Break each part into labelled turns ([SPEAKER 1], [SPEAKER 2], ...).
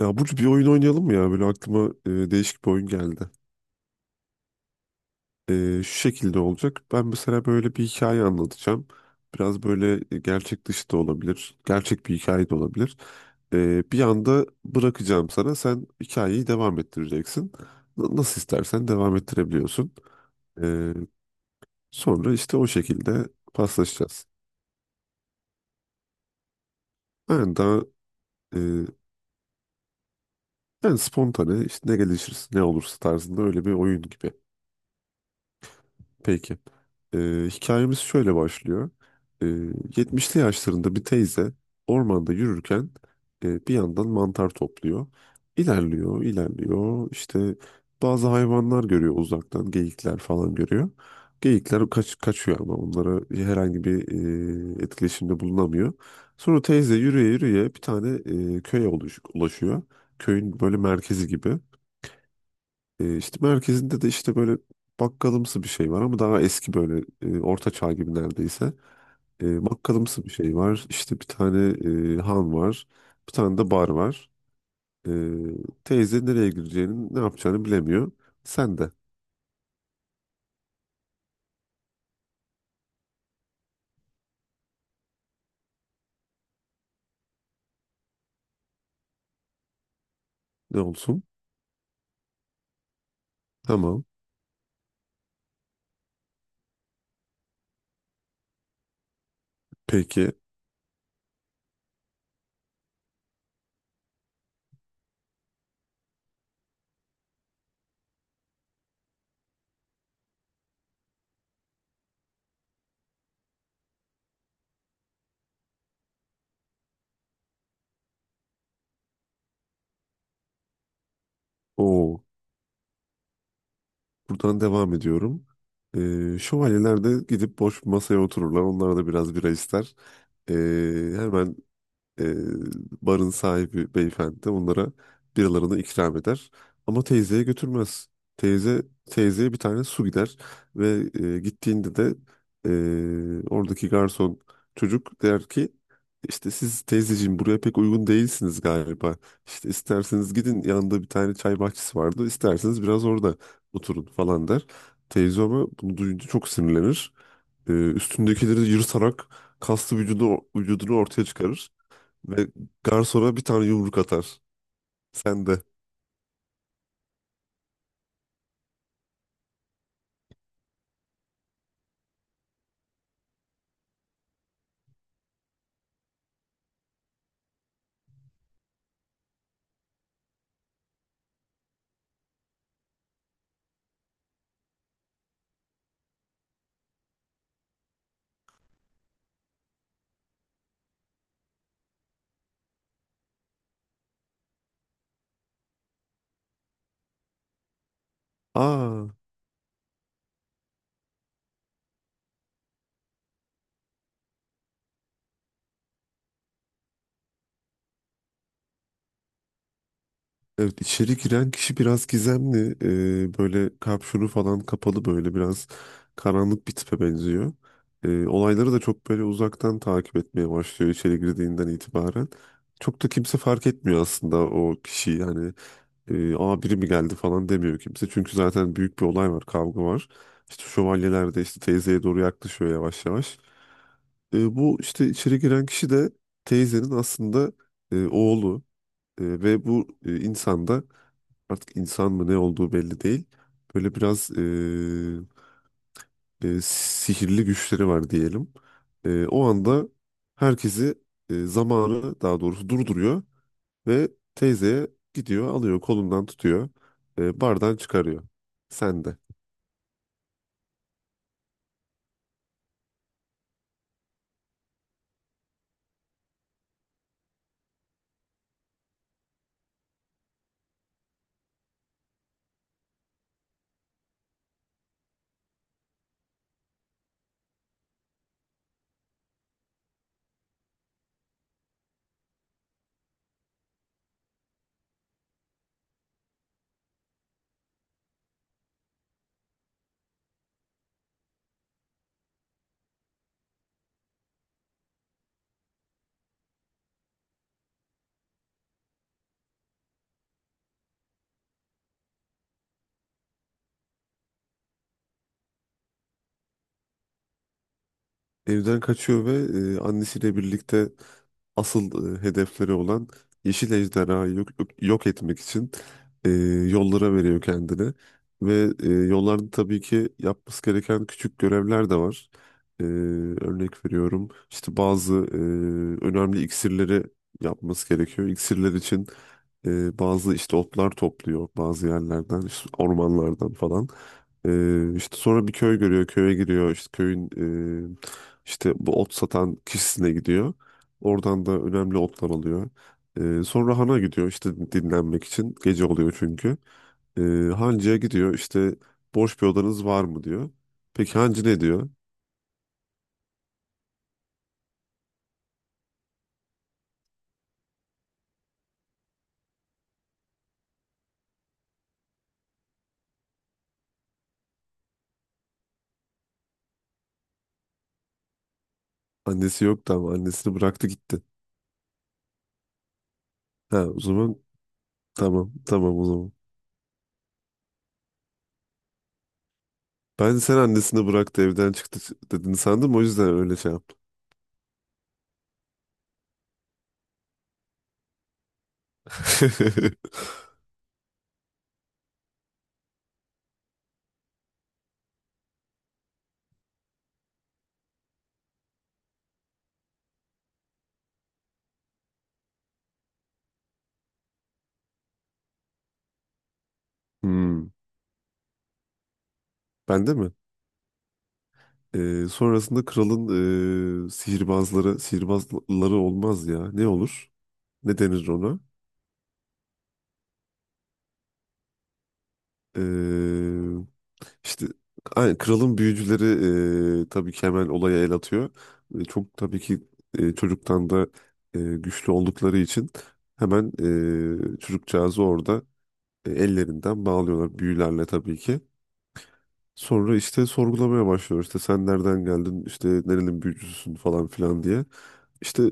[SPEAKER 1] Ya Burcu bir oyun oynayalım mı ya? Böyle aklıma değişik bir oyun geldi. E, Şu şekilde olacak. Ben mesela böyle bir hikaye anlatacağım. Biraz böyle gerçek dışı da olabilir. Gerçek bir hikaye de olabilir. Bir anda bırakacağım sana. Sen hikayeyi devam ettireceksin. Nasıl istersen devam ettirebiliyorsun. E, Sonra işte o şekilde paslaşacağız. Yani daha e, yani spontane işte ne gelişirse ne olursa tarzında öyle bir oyun gibi. Peki. Ee, Hikayemiz şöyle başlıyor. Ee, 70'li yaşlarında bir teyze ormanda yürürken bir yandan mantar topluyor. İlerliyor, ilerliyor. İşte bazı hayvanlar görüyor uzaktan, geyikler falan görüyor. Geyikler kaçıyor ama onlara herhangi bir etkileşimde bulunamıyor. Sonra teyze yürüye yürüye bir tane köye ulaşıyor. Köyün böyle merkezi gibi. İşte merkezinde de işte böyle bakkalımsı bir şey var ama daha eski böyle orta çağ gibi neredeyse. Bakkalımsı bir şey var. İşte bir tane han var. Bir tane de bar var. E, Teyze nereye gireceğini ne yapacağını bilemiyor. Sen de ne olsun? Tamam. Peki. O buradan devam ediyorum. Şövalyeler de gidip boş bir masaya otururlar. Onlar da biraz bira ister. E, Hemen e, barın sahibi beyefendi de onlara biralarını ikram eder. Ama teyzeye götürmez. Teyze Teyzeye bir tane su gider ve gittiğinde de oradaki garson çocuk der ki işte siz teyzeciğim buraya pek uygun değilsiniz galiba. İşte isterseniz gidin yanında bir tane çay bahçesi vardı. İsterseniz biraz orada oturun falan der. Teyze ama bunu duyunca çok sinirlenir. Üstündekileri yırtarak kaslı vücudunu ortaya çıkarır. Ve garsona bir tane yumruk atar. Sen de. Aa, evet içeri giren kişi biraz gizemli. Böyle kapşonu falan kapalı böyle biraz karanlık bir tipe benziyor. Olayları da çok böyle uzaktan takip etmeye başlıyor içeri girdiğinden itibaren. Çok da kimse fark etmiyor aslında o kişiyi. Yani aa biri mi geldi falan demiyor kimse. Çünkü zaten büyük bir olay var, kavga var. İşte şövalyeler de işte teyzeye doğru yaklaşıyor yavaş yavaş. Bu işte içeri giren kişi de teyzenin aslında oğlu. Ve bu insan da artık insan mı ne olduğu belli değil. Böyle biraz sihirli güçleri var diyelim. O anda herkesi zamanı daha doğrusu durduruyor ve teyzeye gidiyor alıyor kolundan tutuyor bardan çıkarıyor. Sen de. Evden kaçıyor ve annesiyle birlikte asıl hedefleri olan Yeşil Ejderha'yı yok etmek için e, yollara veriyor kendini. Ve yollarda tabii ki yapması gereken küçük görevler de var. Örnek veriyorum işte bazı önemli iksirleri yapması gerekiyor. İksirler için bazı işte otlar topluyor bazı yerlerden, işte ormanlardan falan. İşte sonra bir köy görüyor, köye giriyor. İşte köyün e, işte bu ot satan kişisine gidiyor. Oradan da önemli otlar alıyor. Sonra hana gidiyor işte dinlenmek için. Gece oluyor çünkü. Ee, Hancıya gidiyor işte boş bir odanız var mı diyor. Peki hancı ne diyor? Annesi yoktu ama annesini bıraktı gitti. Ha o zaman tamam o zaman. Sen annesini bıraktı evden çıktı dedin sandım o yüzden öyle şey yaptım. Hmm. Ben de mi? Sonrasında kralın sihirbazları olmaz ya. Ne olur? Ne denir ona? Ee, işte aynen, kralın büyücüleri tabii ki hemen olaya el atıyor. Çok tabii ki çocuktan da güçlü oldukları için hemen çocukcağızı orada ellerinden bağlıyorlar büyülerle tabii ki. Sonra işte sorgulamaya başlıyor. İşte sen nereden geldin? İşte nerenin büyücüsün falan filan diye. İşte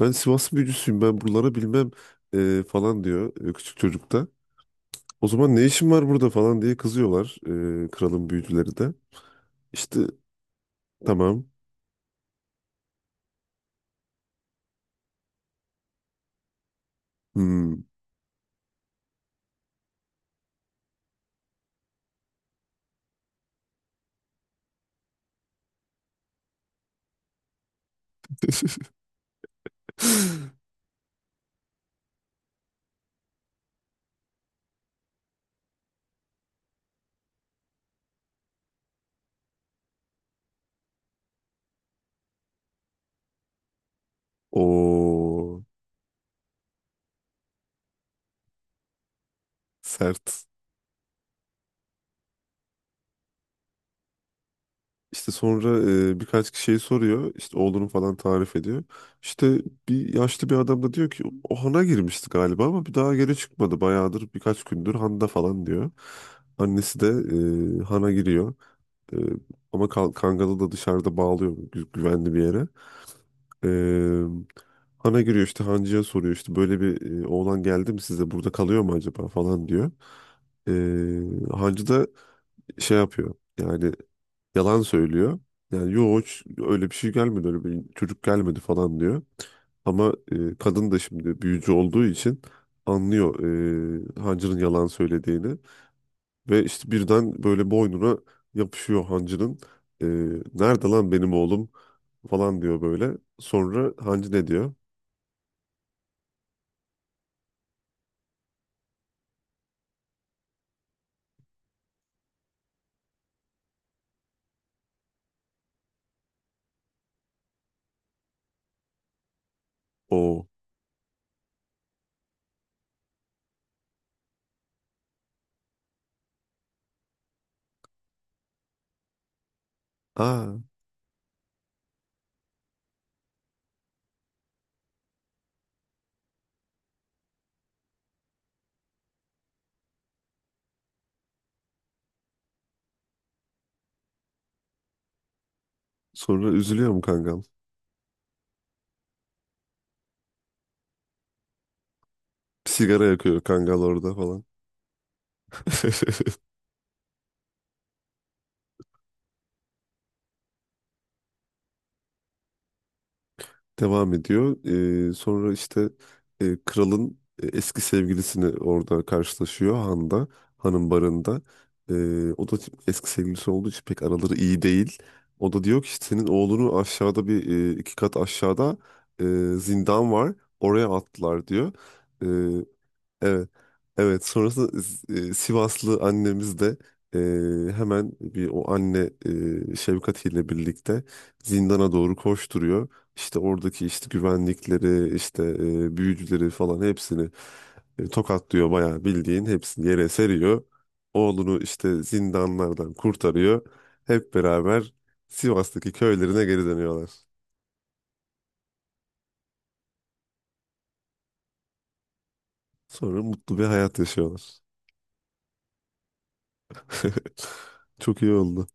[SPEAKER 1] ben Sivas büyücüsüyüm ben buraları bilmem falan diyor küçük çocukta. O zaman ne işin var burada falan diye kızıyorlar kralın büyücüleri de. İşte tamam. Hmm. O sert. İşte sonra birkaç kişiyi soruyor. İşte oğlunu falan tarif ediyor. İşte bir yaşlı bir adam da diyor ki o hana girmişti galiba ama bir daha geri çıkmadı. Bayağıdır birkaç gündür handa falan diyor. Annesi de hana giriyor. Ee, Ama Kangal'ı da dışarıda bağlıyor güvenli bir yere. Ee, Hana giriyor işte Hancı'ya soruyor işte böyle bir oğlan geldi mi size burada kalıyor mu acaba falan diyor. Hancı da şey yapıyor yani yalan söylüyor. Yani yok hiç öyle bir şey gelmedi öyle bir çocuk gelmedi falan diyor. Ama kadın da şimdi büyücü olduğu için anlıyor Hancı'nın yalan söylediğini. Ve işte birden böyle boynuna yapışıyor hancının. Ee, Nerede lan benim oğlum falan diyor böyle. Sonra hancı ne diyor? O. Aa. Sonra üzülüyor mu kangal? Bir sigara yakıyor kangal orada falan. devam ediyor. Sonra işte kralın eski sevgilisini orada karşılaşıyor Han'da, Han'ın barında. O da eski sevgilisi olduğu için pek araları iyi değil. O da diyor ki işte senin oğlunu aşağıda bir iki kat aşağıda e, zindan var. Oraya attılar diyor. Evet. Evet. Sonrasında Sivaslı annemiz de hemen bir o anne Şevkat ile birlikte zindana doğru koşturuyor. İşte oradaki işte güvenlikleri, işte büyücüleri falan hepsini tokatlıyor bayağı bildiğin hepsini yere seriyor. Oğlunu işte zindanlardan kurtarıyor. Hep beraber Sivas'taki köylerine geri dönüyorlar. Sonra mutlu bir hayat yaşıyorlar. Çok iyi oldu.